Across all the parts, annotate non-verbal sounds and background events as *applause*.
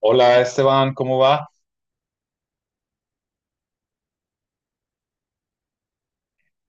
Hola Esteban, ¿cómo va?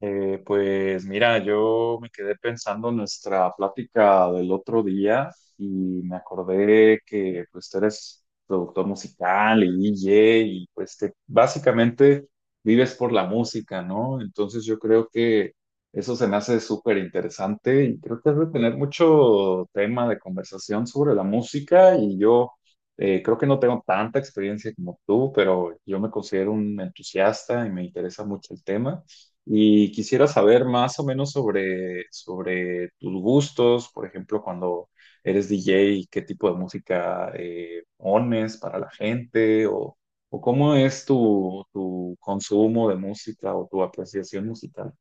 Pues mira, yo me quedé pensando en nuestra plática del otro día y me acordé que pues tú eres productor musical y DJ y pues que básicamente vives por la música, ¿no? Entonces yo creo que eso se me hace súper interesante y creo que has de tener mucho tema de conversación sobre la música y yo creo que no tengo tanta experiencia como tú, pero yo me considero un entusiasta y me interesa mucho el tema. Y quisiera saber más o menos sobre tus gustos, por ejemplo, cuando eres DJ, qué tipo de música pones para la gente o cómo es tu consumo de música o tu apreciación musical.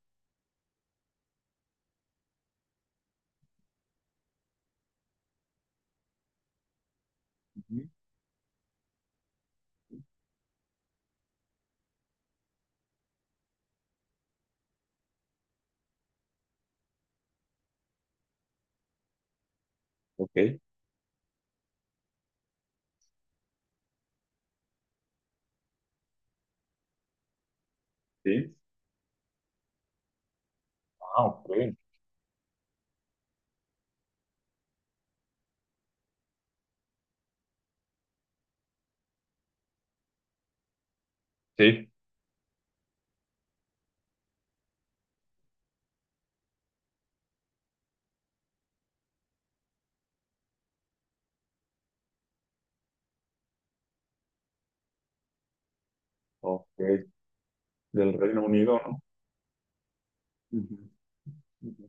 Ujú. Ok, sí. Ah, ok. Sí, ok. Del Reino Unido, ¿no? Ujú, ujú.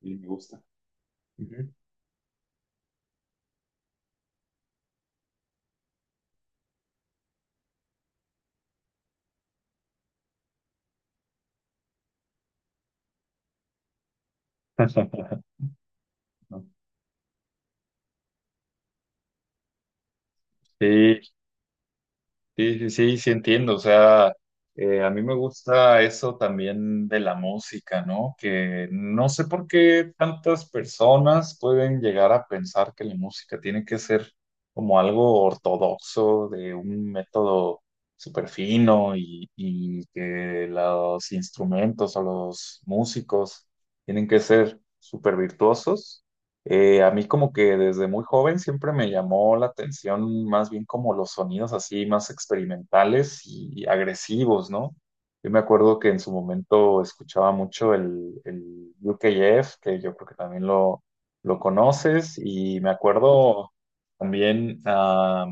Y me gusta. Ujú. *laughs* Sí, no. Sí, sí, sí, sí, entiendo. O sea, a mí me gusta eso también de la música, ¿no? Que no sé por qué tantas personas pueden llegar a pensar que la música tiene que ser como algo ortodoxo, de un método súper fino y que los instrumentos o los músicos tienen que ser súper virtuosos. A mí como que desde muy joven siempre me llamó la atención más bien como los sonidos así más experimentales y agresivos, ¿no? Yo me acuerdo que en su momento escuchaba mucho el UKF, que yo creo que también lo conoces, y me acuerdo también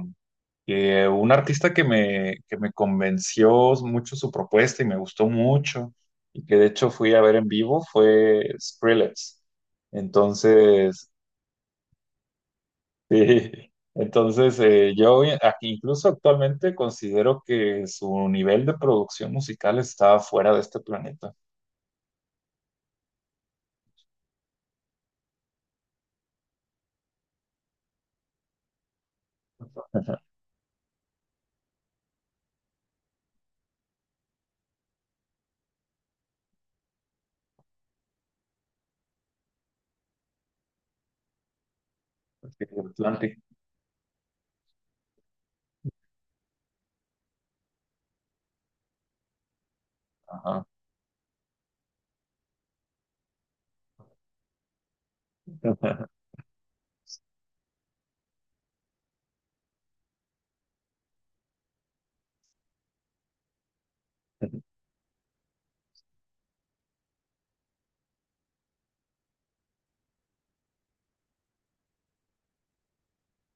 que un artista que que me convenció mucho su propuesta y me gustó mucho, y que de hecho fui a ver en vivo fue Skrillex. Entonces, sí, entonces aquí incluso actualmente considero que su nivel de producción musical está fuera de este planeta. *laughs* Porque Atlantic, ajá. *laughs*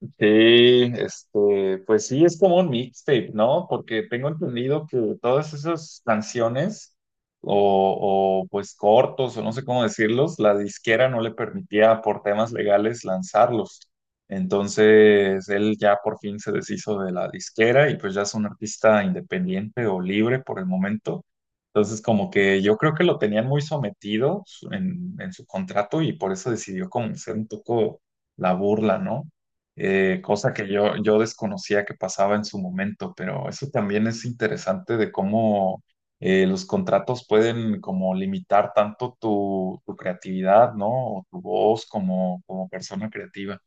Sí, este, pues sí, es como un mixtape, ¿no? Porque tengo entendido que todas esas canciones pues cortos o no sé cómo decirlos, la disquera no le permitía por temas legales lanzarlos. Entonces él ya por fin se deshizo de la disquera y pues ya es un artista independiente o libre por el momento. Entonces como que yo creo que lo tenían muy sometido en su contrato y por eso decidió como ser un poco la burla, ¿no? Cosa que yo desconocía que pasaba en su momento, pero eso también es interesante de cómo los contratos pueden como limitar tanto tu creatividad, ¿no? O tu voz como persona creativa.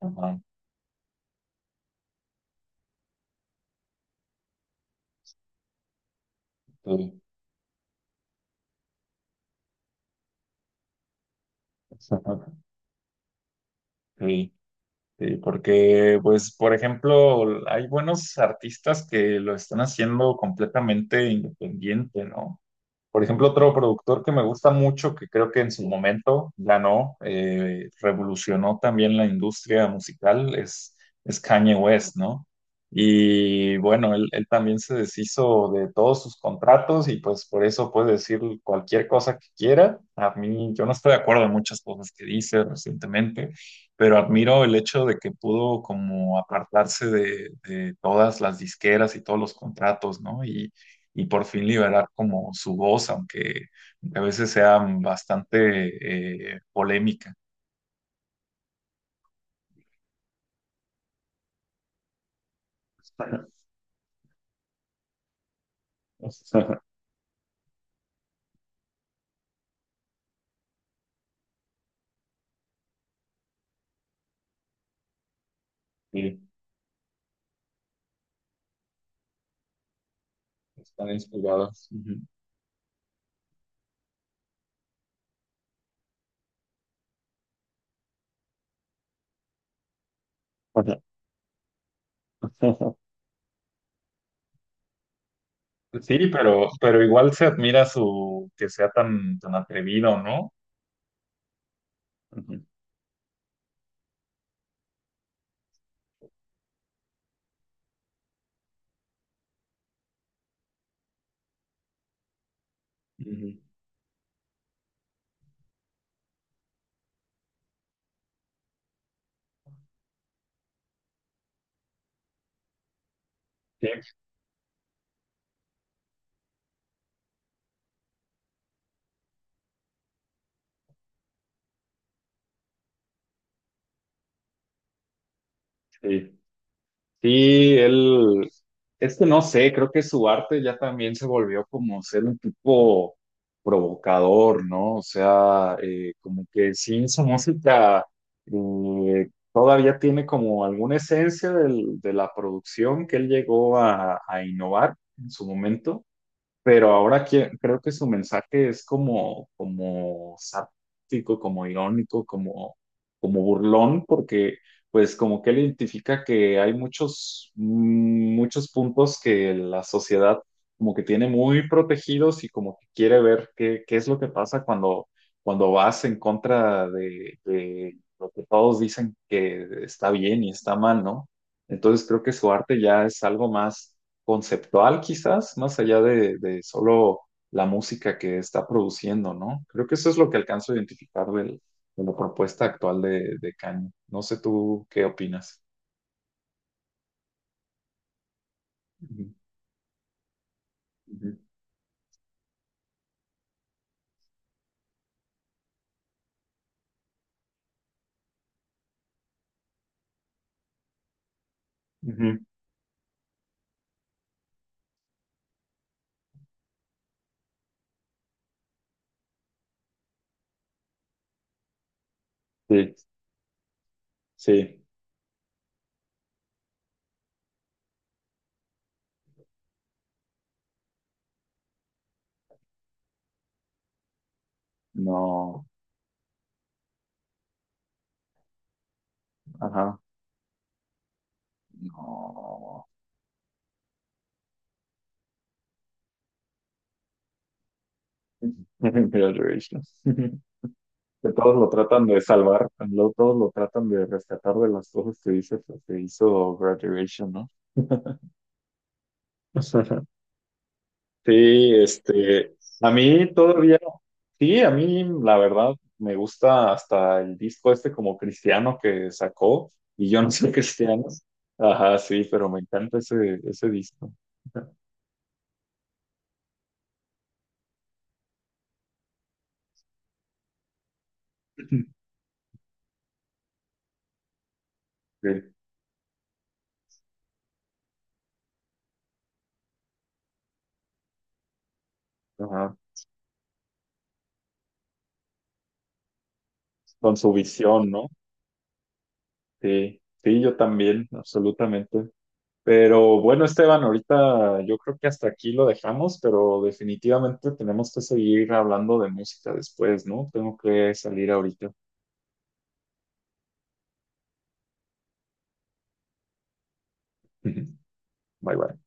Ajá, sí. *laughs* Sí. Sí, porque, pues, por ejemplo, hay buenos artistas que lo están haciendo completamente independiente, ¿no? Por ejemplo, otro productor que me gusta mucho, que creo que en su momento ganó, revolucionó también la industria musical, es Kanye West, ¿no? Y bueno, él también se deshizo de todos sus contratos y pues por eso puede decir cualquier cosa que quiera. A mí, yo no estoy de acuerdo en muchas cosas que dice recientemente, pero admiro el hecho de que pudo como apartarse de todas las disqueras y todos los contratos, ¿no? Y y por fin liberar como su voz, aunque a veces sea bastante polémica. *laughs* Sí, están inspirados. Ujú. *laughs* Sí, pero igual se admira su que sea tan atrevido, ¿no? Ujú. Ujú. Sí, sí. Sí, él, es que no sé, creo que su arte ya también se volvió como ser un tipo provocador, ¿no? O sea, como que sí, esa música todavía tiene como alguna esencia del- de la producción que él llegó a innovar en su momento, pero ahora creo que su mensaje es como, como sáptico, como irónico, como, como burlón, porque pues como que él identifica que hay muchos, muchos puntos que la sociedad como que tiene muy protegidos y como que quiere ver qué, qué es lo que pasa cuando, cuando vas en contra de lo que todos dicen que está bien y está mal, ¿no? Entonces creo que su arte ya es algo más conceptual quizás, más allá de solo la música que está produciendo, ¿no? Creo que eso es lo que alcanzo a identificar del- de la propuesta actual de Kanye. No sé tú qué opinas. Ujú, ujú, ujú. Sí, sí, no, ajá, no. *laughs* Graduation. *laughs* Que todos lo tratan de salvar, lo- todos lo tratan de rescatar de las cosas que dice pues, que hizo Graduation, ¿no? *laughs* Sí, este, a mí todavía, sí, a mí la verdad me gusta hasta el disco este como cristiano que sacó, y yo no soy cristiano. Ajá, sí, pero me encanta ese, ese disco. *laughs* Sí, ajá, con su visión, ¿no? Sí, sí, yo también, absolutamente. Pero bueno, Esteban, ahorita yo creo que hasta aquí lo dejamos, pero definitivamente tenemos que seguir hablando de música después, ¿no? Tengo que salir ahorita. *laughs* Bye bye.